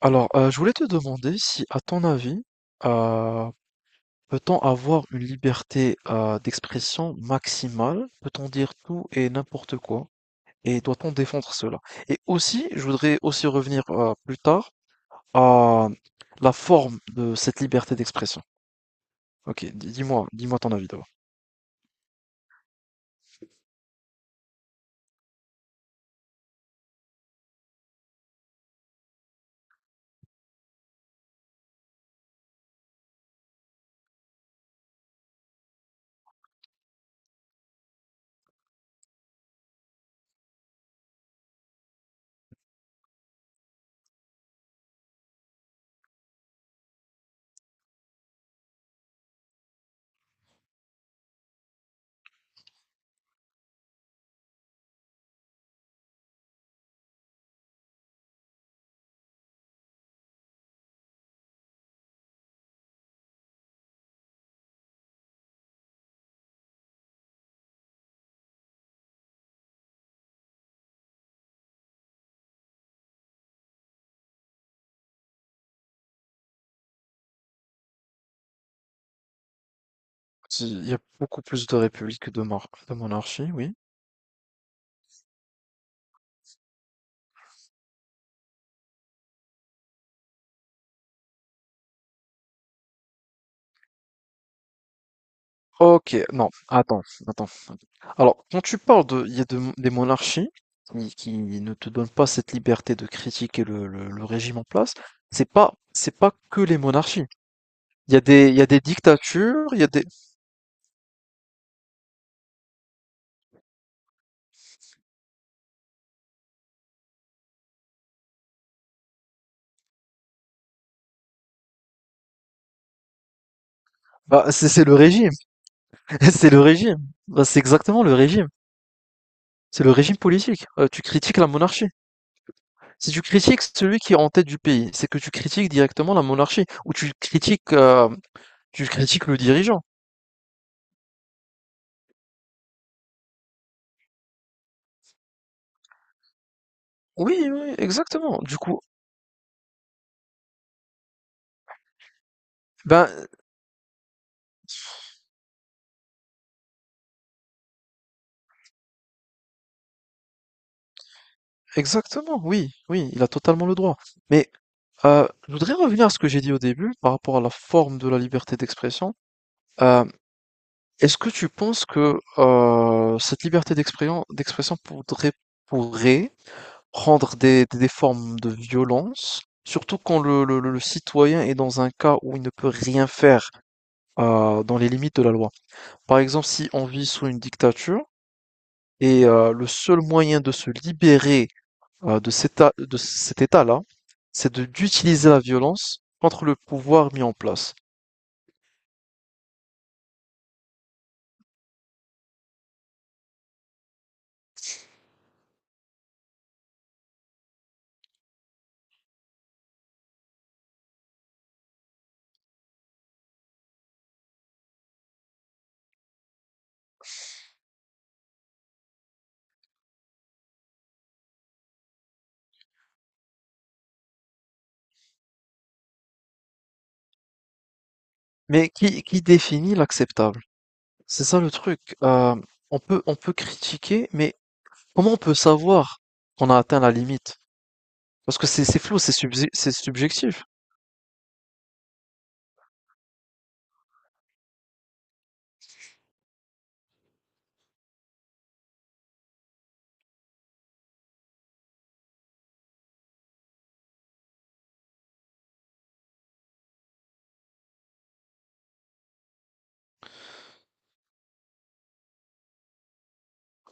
Alors, je voulais te demander si, à ton avis, euh, peut-on avoir une liberté d'expression maximale? Peut-on dire tout et n'importe quoi? Et doit-on défendre cela? Et aussi, je voudrais aussi revenir plus tard à la forme de cette liberté d'expression. Ok, dis-moi, dis-moi ton avis d'abord. Il y a beaucoup plus de républiques que de, de monarchie, oui. Ok, non, attends, attends. Alors, quand tu parles de, il y a des monarchies qui ne te donnent pas cette liberté de critiquer le, le régime en place, c'est pas que les monarchies. Il y a des, il y a des dictatures, il y a des, bah, c'est le régime, c'est le régime, bah, c'est exactement le régime, c'est le régime politique. Tu critiques la monarchie. Si tu critiques celui qui est en tête du pays, c'est que tu critiques directement la monarchie ou tu critiques le dirigeant. Oui, oui, exactement. Du coup, ben, exactement, oui, oui, il a totalement le droit. Mais je voudrais revenir à ce que j'ai dit au début par rapport à la forme de la liberté d'expression. Euh, est-ce que tu penses que cette liberté d'expression pourrait, pourrait prendre des, des formes de violence, surtout quand le, le citoyen est dans un cas où il ne peut rien faire dans les limites de la loi? Par exemple, si on vit sous une dictature et le seul moyen de se libérer de de cet état-là, c'est d'utiliser la violence contre le pouvoir mis en place. Mais qui définit l'acceptable? C'est ça le truc. On peut critiquer, mais comment on peut savoir qu'on a atteint la limite? Parce que c'est flou, c'est subjectif.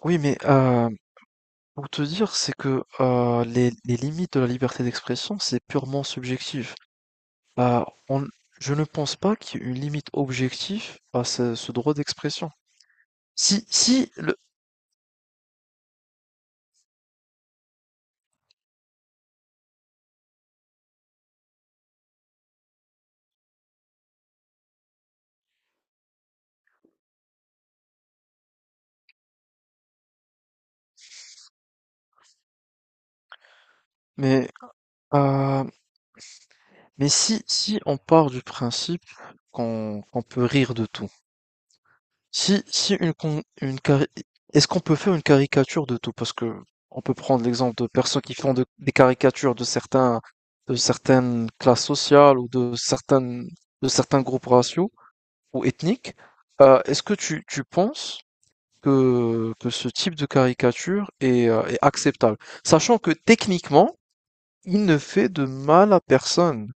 Oui, mais pour te dire, c'est que les limites de la liberté d'expression, c'est purement subjectif. Euh, on- je ne pense pas qu'il y ait une limite objective à ce, ce droit d'expression. Si, si le, mais, euh, mais si, si on part du principe qu'on peut rire de tout, Si, si une, con- une cari- est-ce qu'on peut faire une caricature de tout? Parce que on peut prendre l'exemple de personnes qui font des caricatures de certains, de certaines classes sociales ou de certaines, de certains groupes raciaux ou ethniques. Est-ce que tu penses que ce type de caricature est, est acceptable? Sachant que techniquement, il ne fait de mal à personne.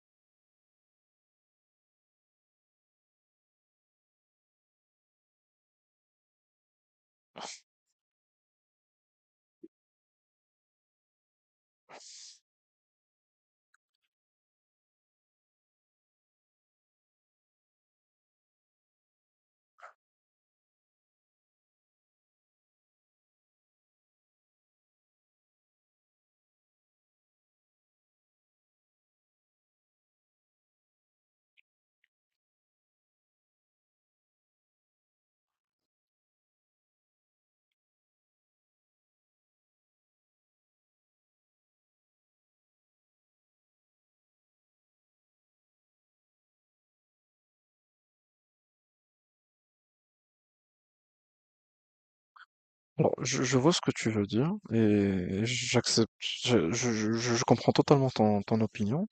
Bon, je vois ce que tu veux dire et j'accepte, je, je comprends totalement ton ton opinion.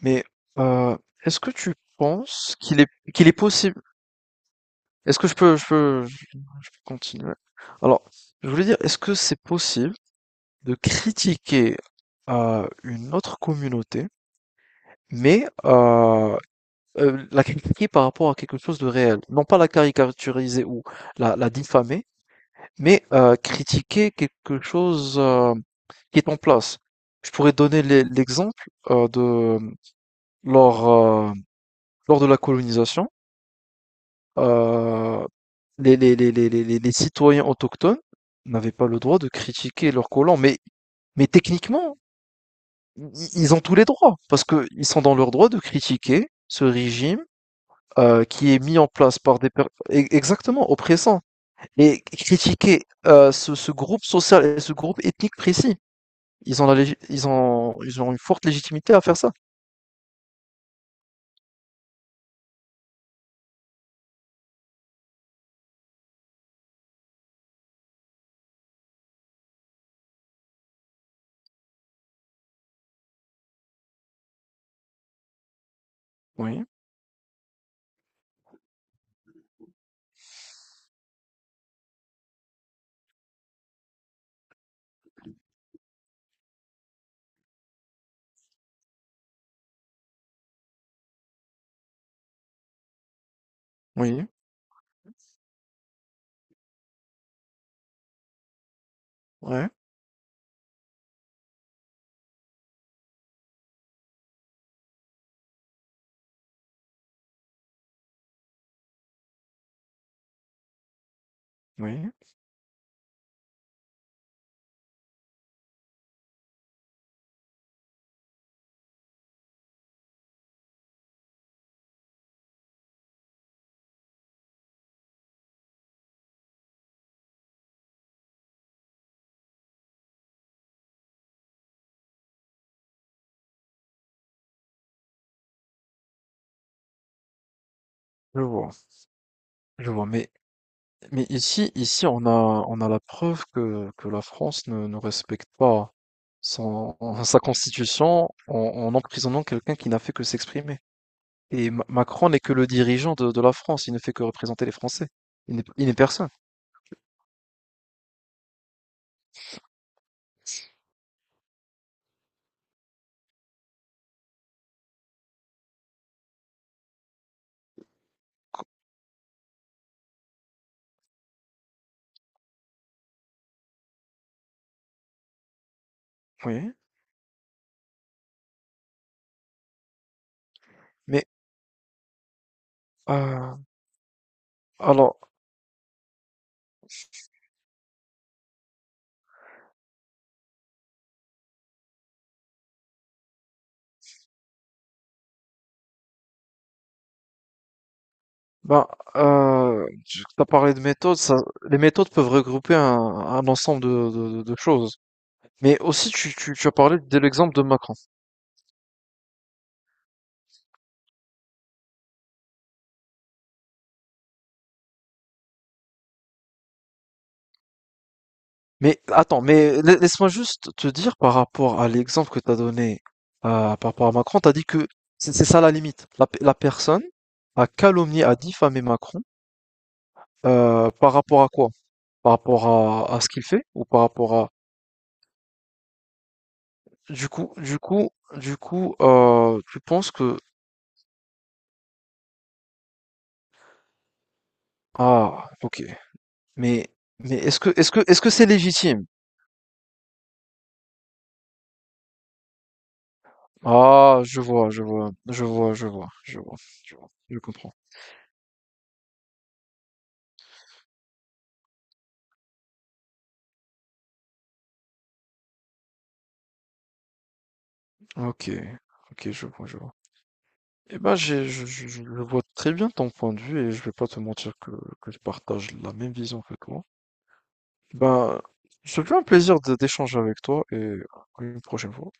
Mais euh, est-ce que tu penses qu'il est possible? Est-ce que je peux continuer? Alors, je voulais dire, est-ce que c'est possible de critiquer une autre communauté, mais la critiquer par rapport à quelque chose de réel, non pas la caricaturiser ou la diffamer, mais critiquer quelque chose qui est en place. Je pourrais donner l'exemple de lors euh, lors de la colonisation. Euh, citoyens autochtones n'avaient pas le droit de critiquer leurs colons. Mais techniquement, i- ils ont tous les droits, parce qu'ils sont dans leur droit de critiquer ce régime qui est mis en place par des personnes exactement oppressants. Et critiquer ce, ce groupe social et ce groupe ethnique précis. Ils ont ils ont ils ont une forte légitimité à faire ça. Oui, oui, ouais, oui, je vois, je vois. Mais ici, ici, on a la preuve que la France ne, ne respecte pas son, sa constitution en, en emprisonnant quelqu'un qui n'a fait que s'exprimer. Et Macron n'est que le dirigeant de la France, il ne fait que représenter les Français. Il n'est personne. Co- Oui. Mais euh, alors, ben, tu as parlé de méthodes, ça, les méthodes peuvent regrouper un ensemble de, choses. Mais aussi, tu, tu as parlé de l'exemple de Macron. Mais attends, mais laisse-moi juste te dire par rapport à l'exemple que tu as donné par rapport à Macron, tu as dit que c'est ça la limite. La, la personne a calomnié, a diffamé Macron par rapport à quoi? Par rapport à ce qu'il fait ou par rapport à du coup du coup tu penses que ah OK, mais mais est-ce que c'est légitime? Ah, je vois, je vois, je vois, je vois, je vois, je vois, je comprends. OK, OK, je vois, je vois. Eh ben, j'ai je le vois très bien ton point de vue et je vais pas te mentir que je partage la même vision que toi. Ben, ce fut un plaisir de d'échanger avec toi et à une prochaine fois.